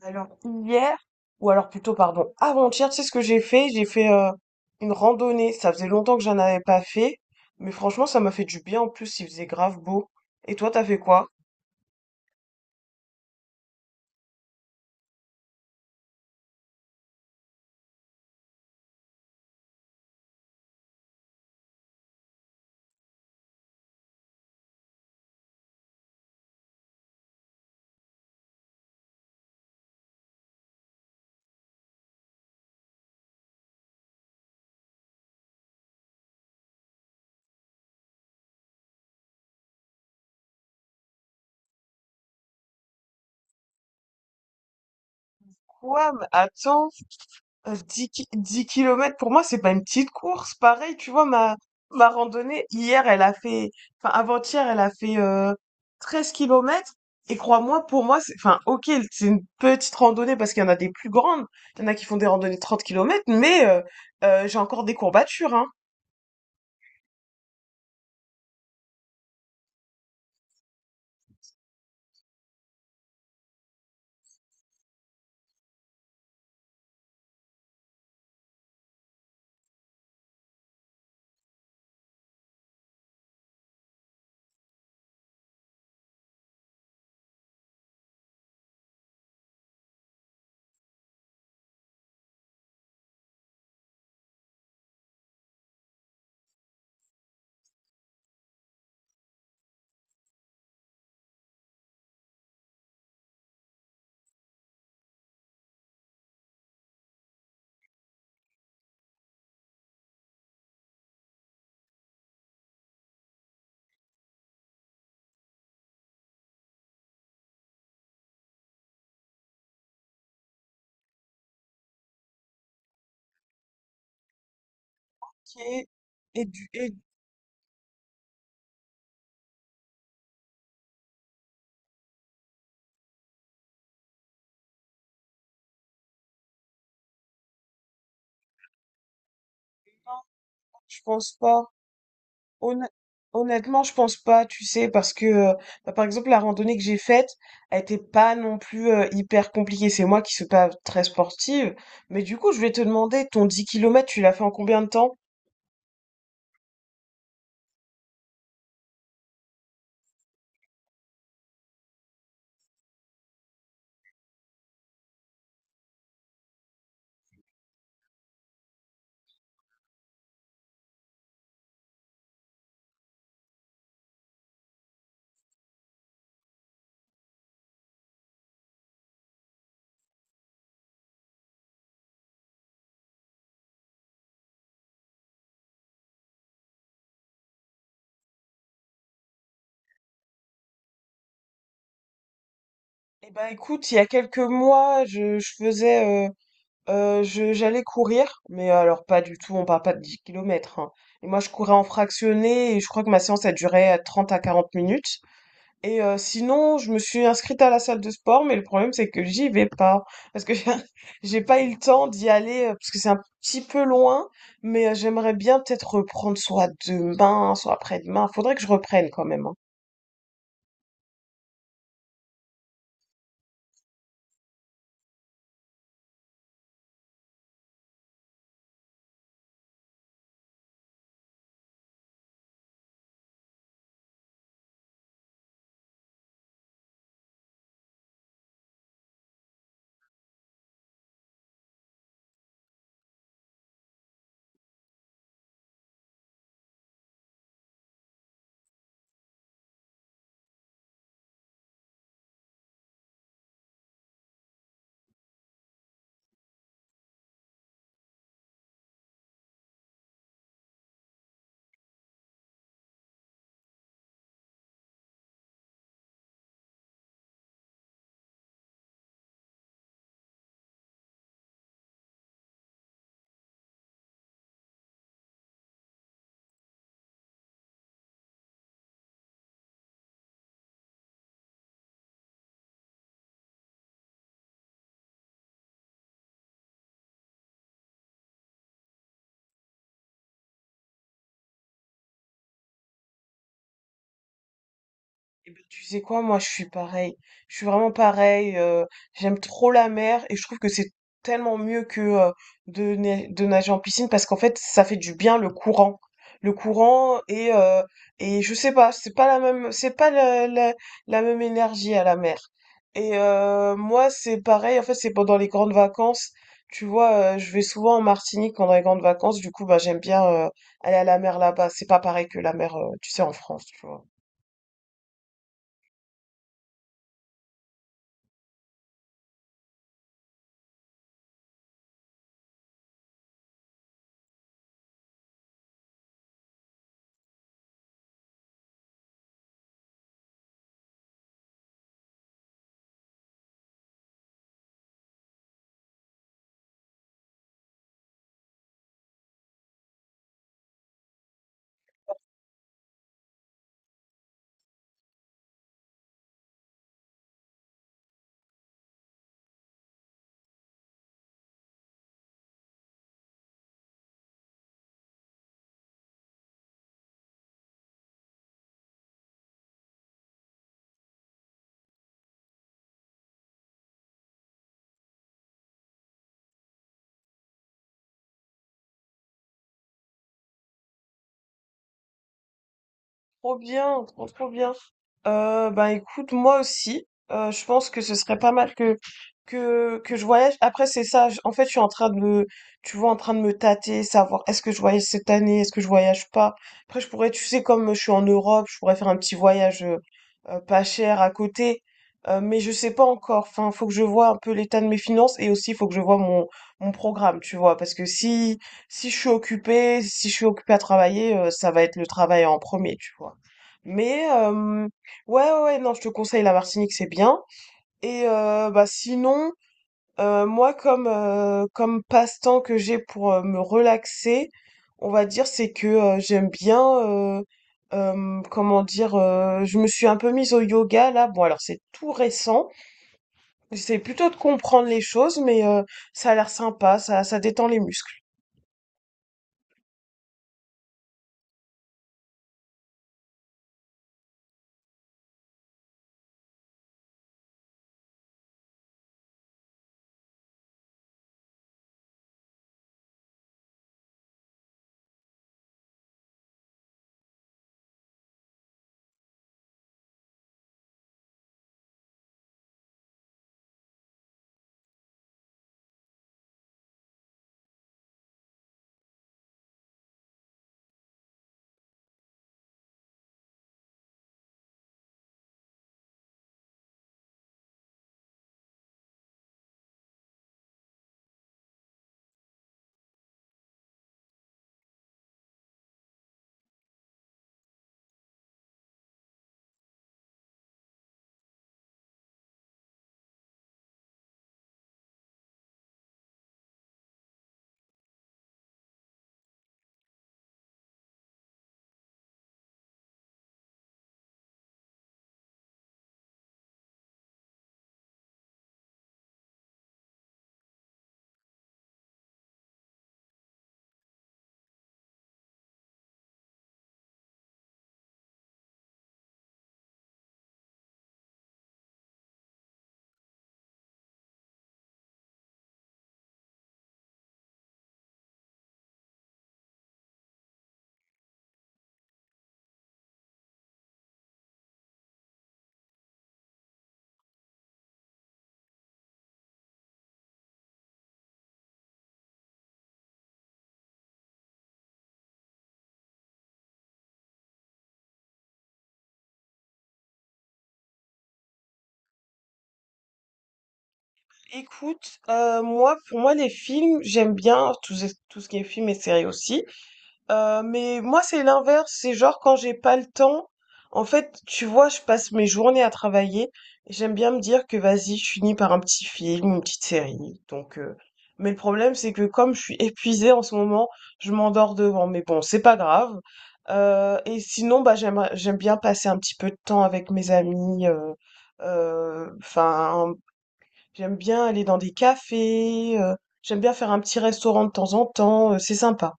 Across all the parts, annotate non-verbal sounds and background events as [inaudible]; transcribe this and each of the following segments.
Alors hier, ou alors plutôt pardon, avant-hier, tu sais ce que j'ai fait? J'ai fait une randonnée. Ça faisait longtemps que j'en avais pas fait, mais franchement, ça m'a fait du bien. En plus, il faisait grave beau. Et toi, t'as fait quoi? Quoi? Mais attends. 10 ki 10 kilomètres pour moi, c'est pas une petite course. Pareil, tu vois, ma randonnée hier, elle a fait enfin avant-hier, elle a fait, 13 kilomètres et crois-moi, pour moi, c'est enfin OK, c'est une petite randonnée parce qu'il y en a des plus grandes. Il y en a qui font des randonnées de 30 kilomètres mais j'ai encore des courbatures, hein. Et et je pense pas. Honn- Honnêtement, je pense pas, tu sais, parce que bah, par exemple la randonnée que j'ai faite, elle était pas non plus hyper compliquée. C'est moi qui suis pas très sportive, mais du coup, je vais te demander, ton 10 kilomètres, tu l'as fait en combien de temps? Eh ben écoute, il y a quelques mois, je faisais, j'allais courir, mais alors pas du tout, on parle pas de 10 km. Et moi, je courais en fractionné et je crois que ma séance a duré 30 à 40 minutes. Et sinon, je me suis inscrite à la salle de sport, mais le problème c'est que j'y vais pas parce que [laughs] j'ai pas eu le temps d'y aller parce que c'est un petit peu loin, mais j'aimerais bien peut-être reprendre soit demain, soit après-demain. Faudrait que je reprenne quand même, hein. Eh ben, tu sais quoi, moi je suis pareil. Je suis vraiment pareil. J'aime trop la mer et je trouve que c'est tellement mieux que de nager en piscine parce qu'en fait ça fait du bien le courant. Le courant et je sais pas, c'est pas la même, c'est pas la, la, la même énergie à la mer. Et moi c'est pareil, en fait c'est pendant les grandes vacances. Tu vois, je vais souvent en Martinique pendant les grandes vacances, du coup bah j'aime bien aller à la mer là-bas. C'est pas pareil que la mer, tu sais, en France, tu vois. Trop bien, trop trop bien. Bah écoute, moi aussi, je pense que ce serait pas mal que je voyage. Après, c'est ça. En fait, je suis en train de me, tu vois, en train de me tâter, savoir est-ce que je voyage cette année, est-ce que je voyage pas. Après, je pourrais, tu sais, comme je suis en Europe, je pourrais faire un petit voyage pas cher à côté. Mais je sais pas encore. Enfin, faut que je vois un peu l'état de mes finances et aussi faut que je vois mon programme, tu vois, parce que si je suis occupée, si je suis occupée à travailler, ça va être le travail en premier, tu vois. Mais ouais, ouais, ouais, non, je te conseille la Martinique, c'est bien. Et bah sinon, moi comme comme passe-temps que j'ai pour me relaxer, on va dire c'est que j'aime bien euh, comment dire, je me suis un peu mise au yoga là. Bon alors c'est tout récent. J'essaie plutôt de comprendre les choses, mais ça a l'air sympa, ça détend les muscles. Écoute, moi, pour moi, les films, j'aime bien tout, tout ce qui est film et série aussi. Mais moi, c'est l'inverse, c'est genre quand j'ai pas le temps, en fait, tu vois, je passe mes journées à travailler et j'aime bien me dire que vas-y, je finis par un petit film, une petite série, mais le problème, c'est que comme je suis [laughs] épuisée en ce moment, je m'endors devant, mais bon, c'est pas grave. Et sinon, bah, j'aime bien passer un petit peu de temps avec mes amis, enfin, j'aime bien aller dans des cafés, j'aime bien faire un petit restaurant de temps en temps, c'est sympa.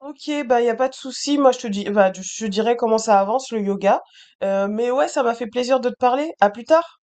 Ok, bah y a pas de souci. Moi, je te dis, bah, je dirai comment ça avance le yoga. Mais ouais, ça m'a fait plaisir de te parler. À plus tard.